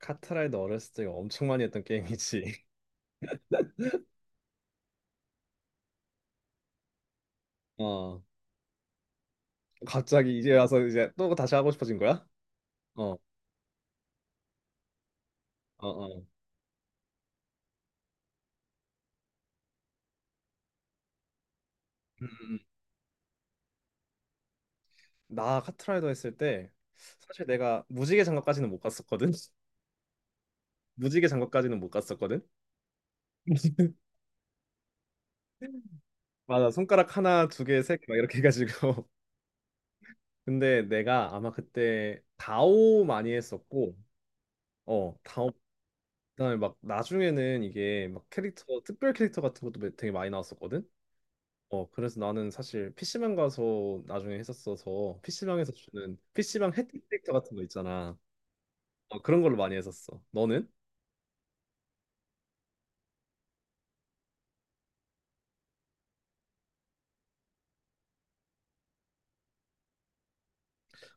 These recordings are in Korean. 카트라이더 어렸을 때 엄청 많이 했던 게임이지. 어. 갑자기 이제 와서 이제 또 다시 하고 싶어진 거야? 어. 어, 어. 음, 음. 나 카트라이더 했을 때 사실 내가 무지개 장갑까지는 못 갔었거든. 무지개 장갑까지는 못 갔었거든. 맞아. 손가락 하나, 두 개, 세 개 막 이렇게 해가지고. 근데 내가 아마 그때 다오 많이 했었고, 어, 다오. 그다음에 막 나중에는 이게 막 캐릭터 특별 캐릭터 같은 것도 되게 많이 나왔었거든. 어, 그래서 나는 사실 PC방 가서 나중에 했었어서 PC방에서 주는 PC방 혜택 캐릭터 같은 거 있잖아. 어, 그런 걸로 많이 했었어. 너는?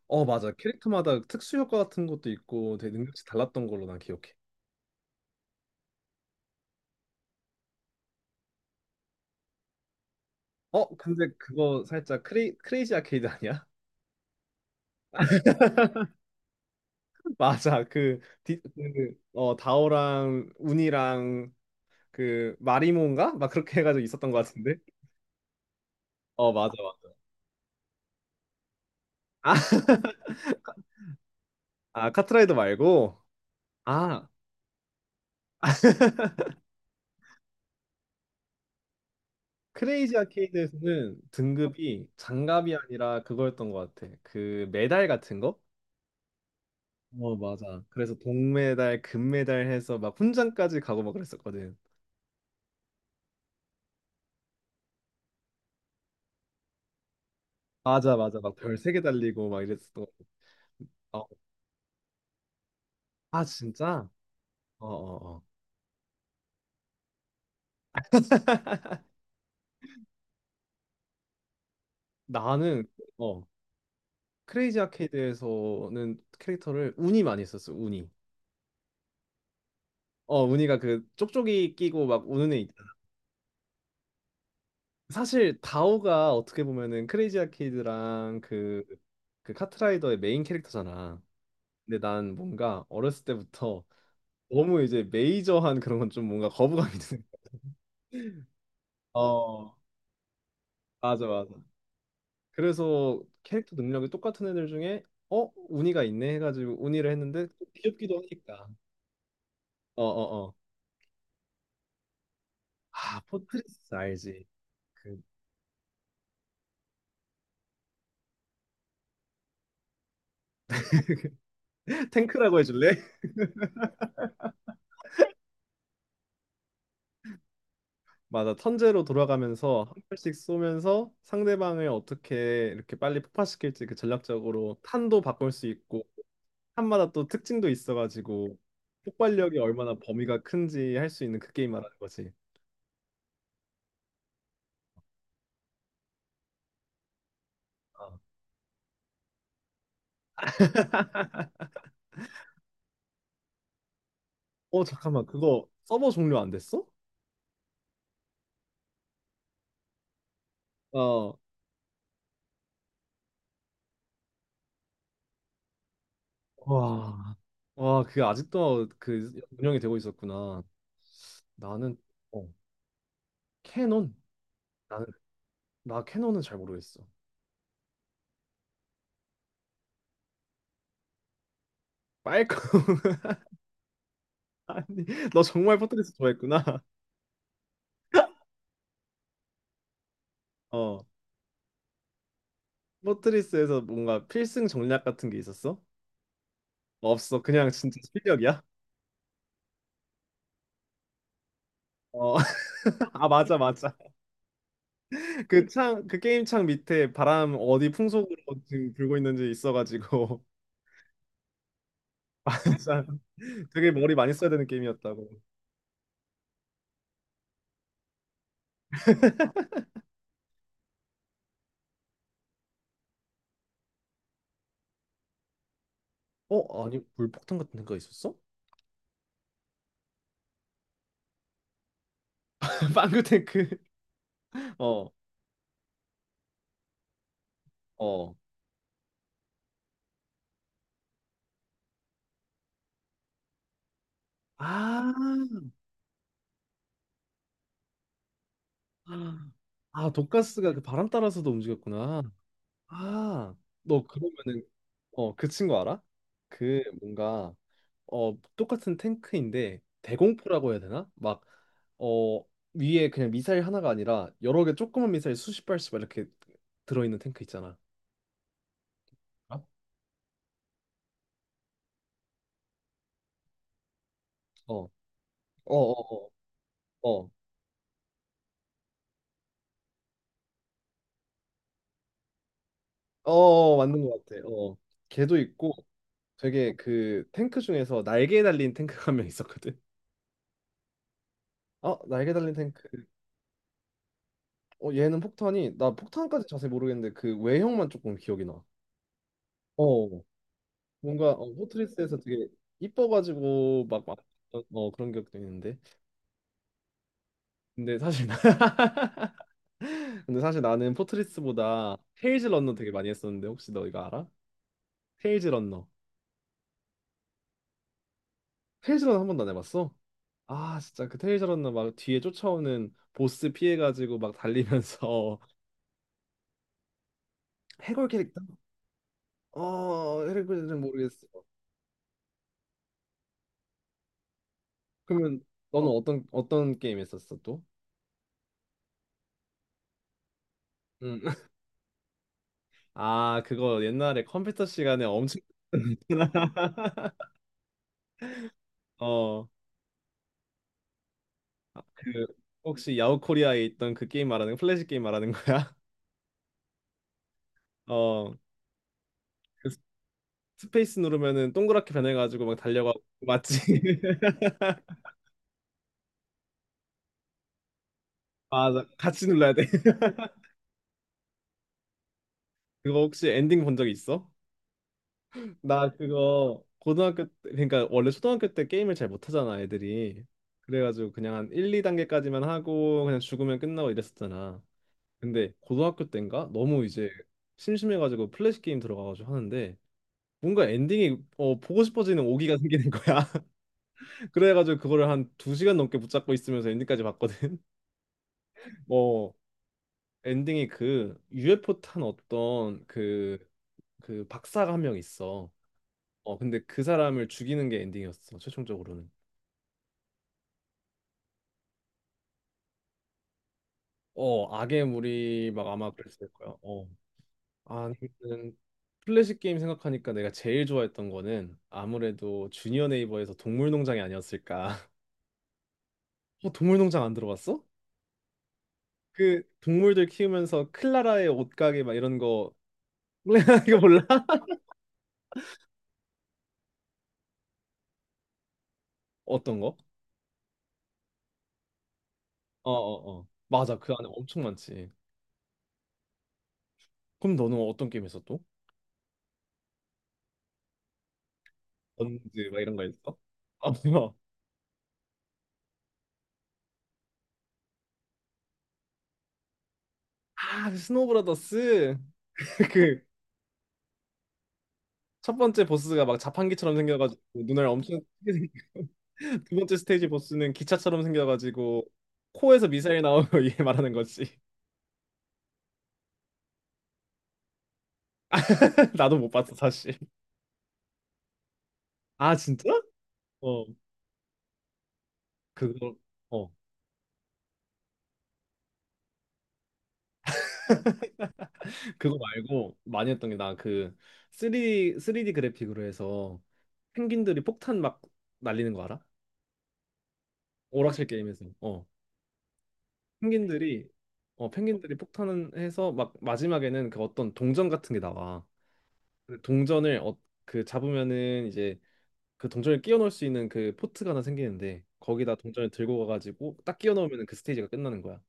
어, 맞아. 캐릭터마다 특수 효과 같은 것도 있고 되게 능력치 달랐던 걸로 난 기억해. 어, 근데 그거 살짝 크레이지 아케이드 아니야? 맞아. 다오랑 운이랑 그 마리몬가? 막 그렇게 해가지고 있었던 것 같은데. 어, 맞아, 맞아. 아, 아, 카트라이더 말고. 아, 크레이지 아케이드에서는 등급이 장갑이 아니라 그거였던 것 같아. 그 메달 같은 거? 어, 맞아. 그래서 동메달, 금메달 해서 막 훈장까지 가고 막 그랬었거든. 맞아, 맞아. 막 별 세 개 달리고 막 이랬었던 거. 아 어, 아, 진짜? 어, 어, 어. 나는, 어, 크레이지 아케이드에서는 캐릭터를 운이 많이 썼어, 운이. 어, 운이가 그 쪽쪽이 끼고 막 우는 애 있- 사실 다오가 어떻게 보면은 크레이지 아케이드랑 그 카트라이더의 메인 캐릭터잖아. 근데 난 뭔가 어렸을 때부터 너무 이제 메이저한 그런 건 좀 뭔가 거부감이 드는 거야. 어, 맞아, 맞아. 그래서 캐릭터 능력이 똑같은 애들 중에 어, 운이가 있네 해가지고 운이를 했는데 또 귀엽기도 하니까. 어, 어, 어. 아, 포트리스 알지? 그 탱크라고 해줄래? 맞아. 턴제로 돌아가면서 한 발씩 쏘면서 상대방을 어떻게 이렇게 빨리 폭파시킬지 그 전략적으로 탄도 바꿀 수 있고 탄마다 또 특징도 있어가지고 폭발력이 얼마나 범위가 큰지 할 수 있는 그 게임 말하는 거지. 어, 어, 잠깐만. 그거 서버 종료 안 됐어? 어. 와. 와, 그게 아직도 그 운영이 되고 있었구나. 나는 어, 캐논. 나는 나 캐논은 잘 모르겠어. 빨강. 아니, 너 정말 포트리스 좋아했구나. 어. 포트리스에서 뭔가 필승 전략 같은 게 있었어? 없어. 그냥 진짜 실력이야? 어. 아, 맞아, 맞아. 그 창, 그 게임 창 밑에 바람 어디 풍속으로 지금 불고 있는지 있어가지고. 진짜 되게 머리 많이 써야 되는 게임이었다고. 어, 아니, 물폭탄 같은 데가 있었어? 빵구탱크. 어, 어. 아, 아, 독가스가 그 바람 따라서도 움직였구나. 아, 너 그러면은, 그 친구 알아? 그 뭔가 어 똑같은 탱크인데 대공포라고 해야 되나? 막 어 위에 그냥 미사일 하나가 아니라 여러 개 조그만 미사일 수십 발씩 막 이렇게 들어있는 탱크 있잖아. 어? 어, 어, 어, 어, 어, 어, 어, 맞는 것 같아. 어, 걔도 있고 되게 그 탱크 중에서 날개 달린 탱크가 한 명 있었거든. 어, 날개 달린 탱크. 어, 얘는 폭탄이 나 폭탄까지 자세히 모르겠는데 그 외형만 조금 기억이 나. 어, 뭔가 어, 포트리스에서 되게 이뻐가지고 막, 막 어, 그런 기억도 있는데. 근데 사실 나- 근데 사실 나는 포트리스보다 테일즈 런너 되게 많이 했었는데 혹시 너 이거 알아? 테일즈 런너. 테일즈 런너 한 번도 안 해봤어? 아 진짜 그 테일즈 런너 막 뒤에 쫓아오는 보스 피해가지고 막 달리면서 해골 캐릭터? 어 해골은 모르겠어. 그러면 너는 어떤 어떤 게임 했었어 또? 응. 아 그거 옛날에 컴퓨터 시간에 엄청 어그 혹시 야후 코리아에 있던 그 게임 말하는 거 플래시 게임 말하는 거야? 어 그 페이스 누르면은 동그랗게 변해가지고 막 달려가고 맞지? 맞아 같이 눌러야 돼 그거 혹시 엔딩 본 적 있어? 나 그거 고등학교 때- 그러니까 원래 초등학교 때 게임을 잘 못하잖아 애들이 그래가지고 그냥 한 1, 2단계까지만 하고 그냥 죽으면 끝나고 이랬었잖아 근데 고등학교 때인가 너무 이제 심심해가지고 플래시 게임 들어가가지고 하는데 뭔가 엔딩이 어, 보고 싶어지는 오기가 생기는 거야 그래가지고 그거를 한 2시간 넘게 붙잡고 있으면서 엔딩까지 봤거든 어 엔딩이 그 UFO 탄 어떤 그 박사가 한 명 있어. 어 근데 그 사람을 죽이는 게 엔딩이었어 최종적으로는. 어 악의 물이 막 아마 그랬을 거야. 어 아니면 플래시 게임 생각하니까 내가 제일 좋아했던 거는 아무래도 주니어 네이버에서 동물농장이 아니었을까. 어 동물농장 안 들어봤어? 그 동물들 키우면서 클라라의 옷가게 막 이런 거 이거 몰라? 어떤 거? 어 어, 어. 맞아 그 안에 엄청 많지. 그럼 너는 어떤 게임 했어 또? 번즈 막 이런 거 있어? 어, 뭐. 아, 그 스노우브라더스 그 첫 번째 보스가 막 자판기처럼 생겨가지고 눈알 엄청 크게 생기고 두 번째 스테이지 보스는 기차처럼 생겨가지고 코에서 미사일 나오고 얘 말하는 거지. 나도 못 봤어 사실. 아 진짜? 어 그거 어 그거 말고 많이 했던 게 나 그 3D 그래픽으로 해서 펭귄들이 폭탄 막 날리는 거 알아? 오락실 게임에서. 어 펭귄들이 펭귄들이 폭탄을 해서 막 마지막에는 그 어떤 동전 같은 게 나와. 그 동전을 잡으면은 이제 그 동전을 끼워 넣을 수 있는 그 포트가 하나 생기는데 거기다 동전을 들고 가가지고 딱 끼워 넣으면 그 스테이지가 끝나는 거야.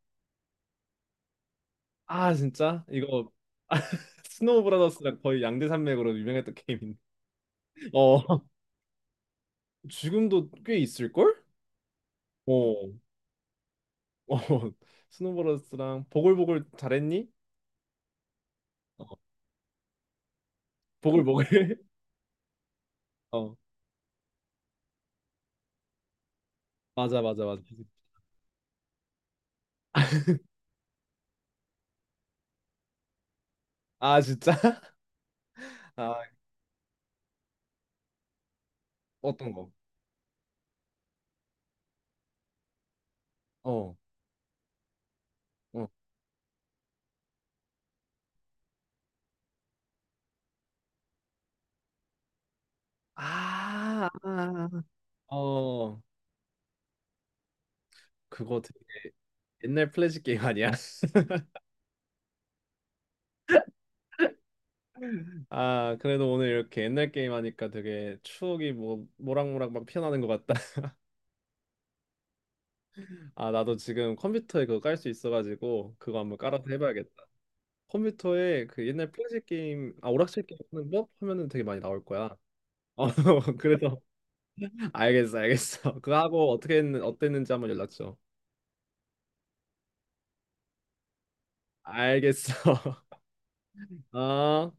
아 진짜? 이거 스노우 브라더스랑 거의 양대 산맥으로 유명했던 게임인데. 어 지금도 꽤 있을걸? 어, 어 스노우 브라더스랑 보글보글 잘했니? 어, 보글보글. 어 맞아 맞아 맞아. 아, 진짜? 아, 어떤 거? 어, 어. 아, 아, 아. 어, 그거 되게 옛날 플래시 게임 아니야? 아, 그래도 오늘 이렇게 옛날 게임 하니까 되게 추억이 뭐 모락모락 막 피어나는 것 같다. 아, 나도 지금 컴퓨터에 그거 깔 수 있어가지고 그거 한번 깔아서 해봐야겠다. 컴퓨터에 그 옛날 플래시 게임, 아, 오락실 게임 하는 법 하면은 되게 많이 나올 거야. 어, 그래서 알겠어, 알겠어. 그거 하고 어땠는지 한번 연락 줘. 알겠어. 어.